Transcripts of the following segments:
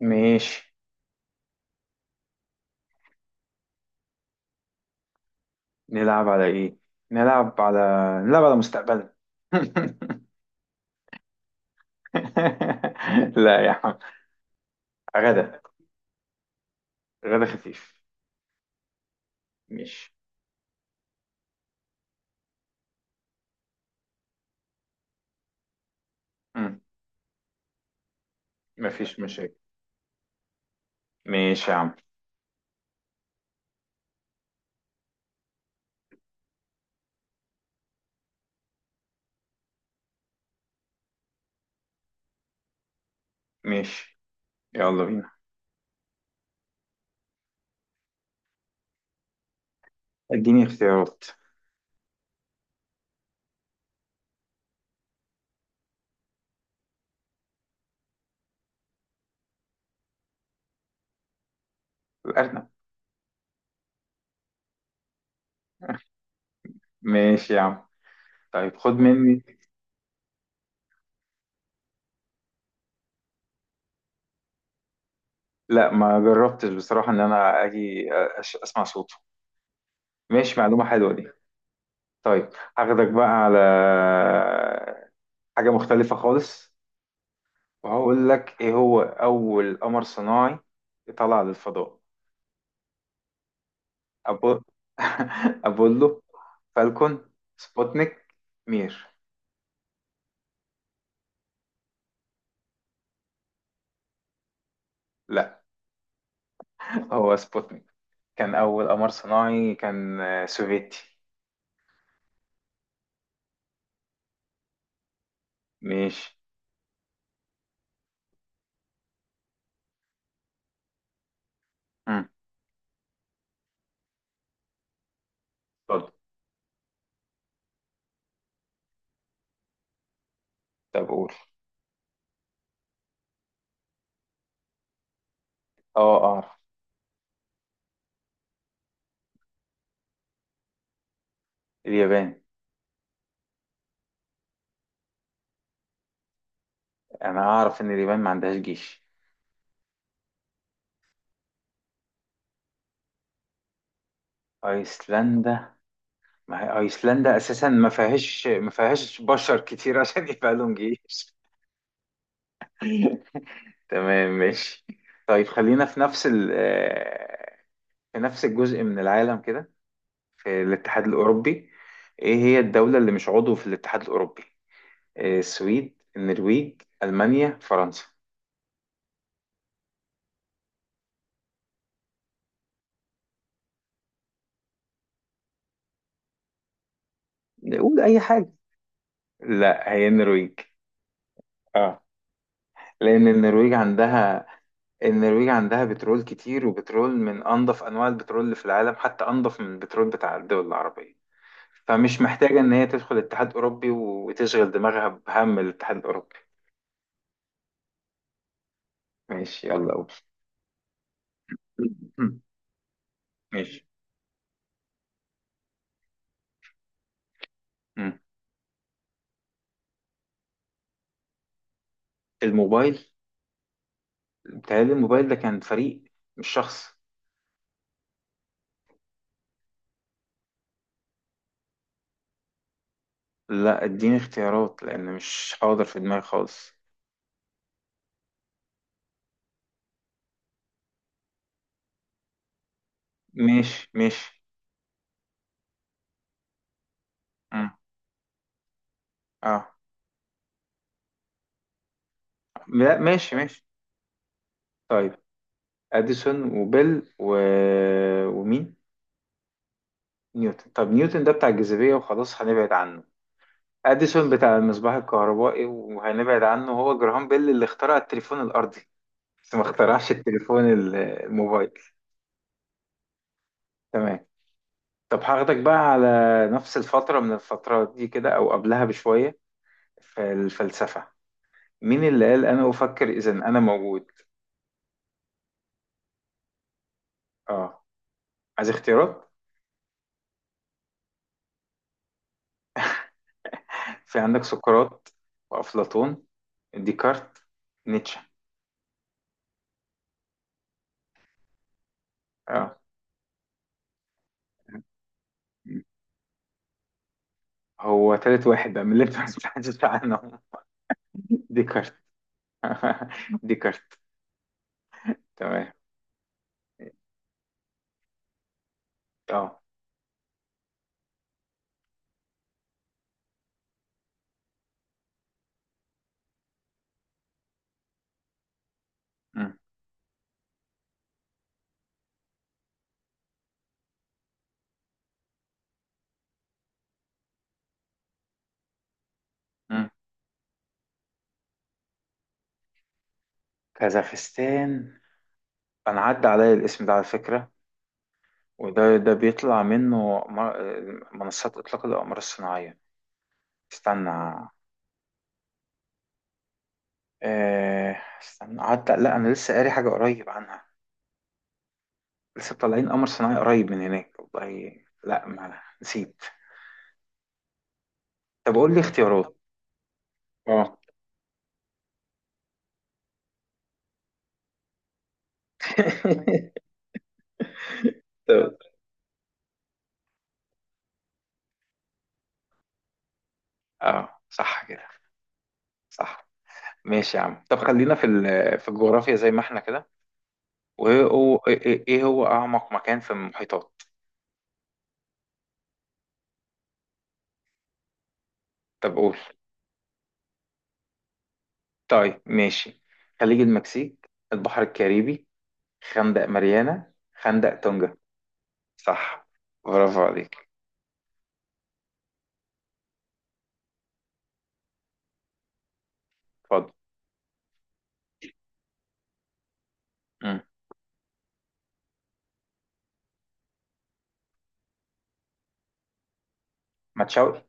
ماشي. نلعب على ايه؟ نلعب على نلعب على مستقبلنا. لا يا عم. غدا. غدا خفيف. ماشي. مم. مفيش مشاكل. ماشي يا عم. ماشي، يلا بينا. اديني اختيارات. الارنب. ماشي يا عم. طيب، خد مني. لا، ما جربتش بصراحة ان انا اجي اسمع صوته. ماشي، معلومة حلوة دي. طيب، هاخدك بقى على حاجة مختلفة خالص. وهقول لك، ايه هو اول قمر صناعي طلع للفضاء؟ أبو... ابولو، فالكون، سبوتنيك، مير. لا، هو سبوتنيك كان اول قمر صناعي، كان سوفيتي. ماشي. مم. اتفضل. طب قول. اه، اعرف. اليابان. انا اعرف ان اليابان ما عندهاش جيش. ايسلندا. ما هي ايسلندا اساسا ما فيهاش بشر كتير عشان يبقى لهم جيش. تمام، ماشي. طيب، خلينا في نفس الجزء من العالم كده. في الاتحاد الأوروبي، ايه هي الدولة اللي مش عضو في الاتحاد الأوروبي؟ السويد، النرويج، ألمانيا، فرنسا. نقول أي حاجة. لا، هي النرويج. اه. لأن النرويج عندها بترول كتير، وبترول من أنظف أنواع البترول اللي في العالم، حتى أنظف من البترول بتاع الدول العربية. فمش محتاجة إن هي تدخل الاتحاد الأوروبي وتشغل دماغها بهم الاتحاد الأوروبي. ماشي، يلا قول. ماشي. مم. الموبايل. بتهيألي الموبايل ده كان فريق، مش شخص. لا، اديني اختيارات لأن مش حاضر في دماغي خالص. ماشي، ماشي. مم. اه. لا، ماشي، ماشي. طيب. أديسون وبيل ومين؟ نيوتن. طب نيوتن ده بتاع الجاذبية وخلاص هنبعد عنه. أديسون بتاع المصباح الكهربائي وهنبعد عنه. هو جراهام بيل اللي اخترع التليفون الأرضي، بس ما اخترعش التليفون الموبايل. تمام. طب هاخدك بقى على نفس الفترة من الفترات دي كده، أو قبلها بشوية، في الفلسفة. مين اللي قال أنا أفكر إذا أنا موجود؟ آه. عايز اختيارات؟ في عندك سقراط، وأفلاطون، ديكارت، نيتشه. آه، هو تالت واحد بقى من اللي أنت ما سمعتش عنه. ديكارت. ديكارت. تمام. آه. مم. مم. كازاخستان. أنا عدى عليا الاسم ده على فكرة، وده بيطلع منه منصات إطلاق الأقمار الصناعية. استنى آه، استنى قعدت. لا، انا لسه قاري حاجه قريب عنها. لسه طالعين قمر صناعي قريب من هناك والله. لا، ما نسيت. طب قول لي اختيارات. اه. طب. اه، صح كده. صح. ماشي يا عم، طب خلينا في الجغرافيا زي ما احنا كده. وايه هو ايه إيه إيه هو اعمق مكان في المحيطات؟ طب قول. طيب، ماشي. خليج المكسيك، البحر الكاريبي، خندق ماريانا، خندق تونجا. صح، برافو عليك. اتفضل. ما تشوقي.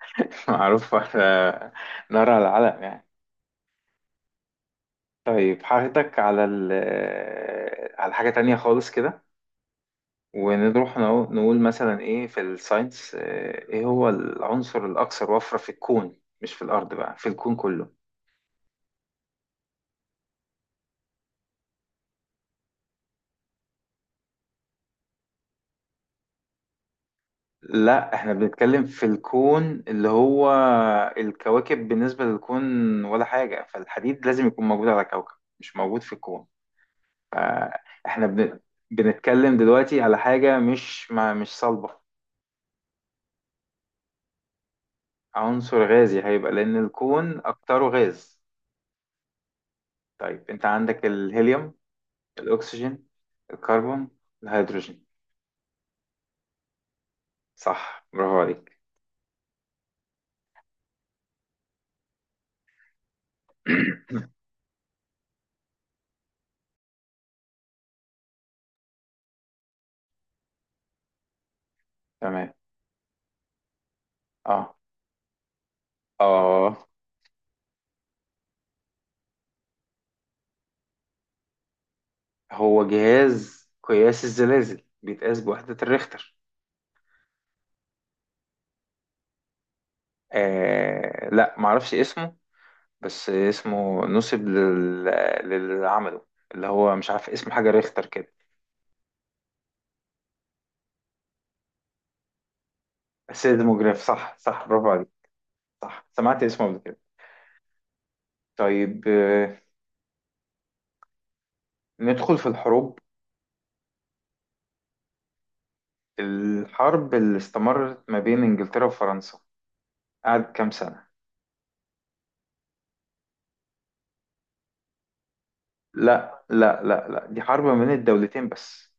معروف، نار على العلم يعني. طيب، هاخدك على ال آه، على حاجة تانية خالص كده. ونروح نقول مثلا ايه في الساينس. ايه هو العنصر الأكثر وفرة في الكون؟ مش في الأرض بقى، في الكون كله. لا، احنا بنتكلم في الكون اللي هو الكواكب بالنسبة للكون ولا حاجة، فالحديد لازم يكون موجود على كوكب، مش موجود في الكون. احنا بنتكلم دلوقتي على حاجة مش ما مش صلبة. عنصر غازي هيبقى، لأن الكون أكتره غاز. طيب، أنت عندك الهيليوم، الأكسجين، الكربون، الهيدروجين. صح، برافو عليك. تمام. اه، اه. هو جهاز قياس الزلازل بيتقاس بوحدة الريختر. لا، معرفش اسمه، بس اسمه نسب للي عمله، اللي هو مش عارف اسم حاجة، ريختر كده. سيزموجراف، صح، صح، برافو عليك. صح، سمعت اسمه قبل كده. طيب، ندخل في الحروب. الحرب اللي استمرت ما بين إنجلترا وفرنسا قعدت كام سنة؟ لا، لا، لا، لا، دي حرب ما بين الدولتين بس.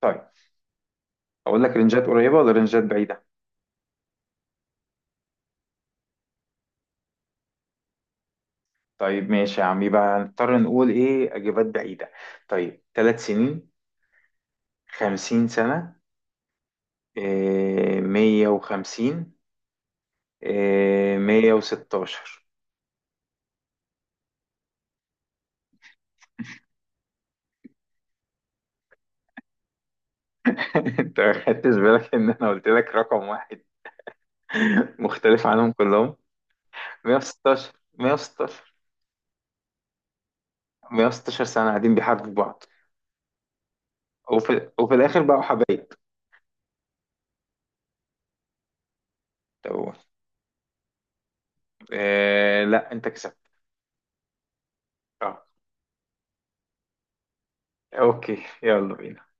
طيب، أقول لك رنجات قريبة ولا رنجات بعيدة؟ طيب، ماشي يا عم، يبقى هنضطر نقول إيه أجابات بعيدة. طيب، 3 سنين. 50 سنة. إيه، 150. إيه، 116. أنت ما خدتش بالك إن أنا قلت لك رقم واحد مختلف عنهم كلهم. 116، 116، 116 سنة قاعدين بيحاربوا بعض. وفي الاخر بقوا حبايب. طب. لا، انت كسبت. اه، اوكي، يلا بينا.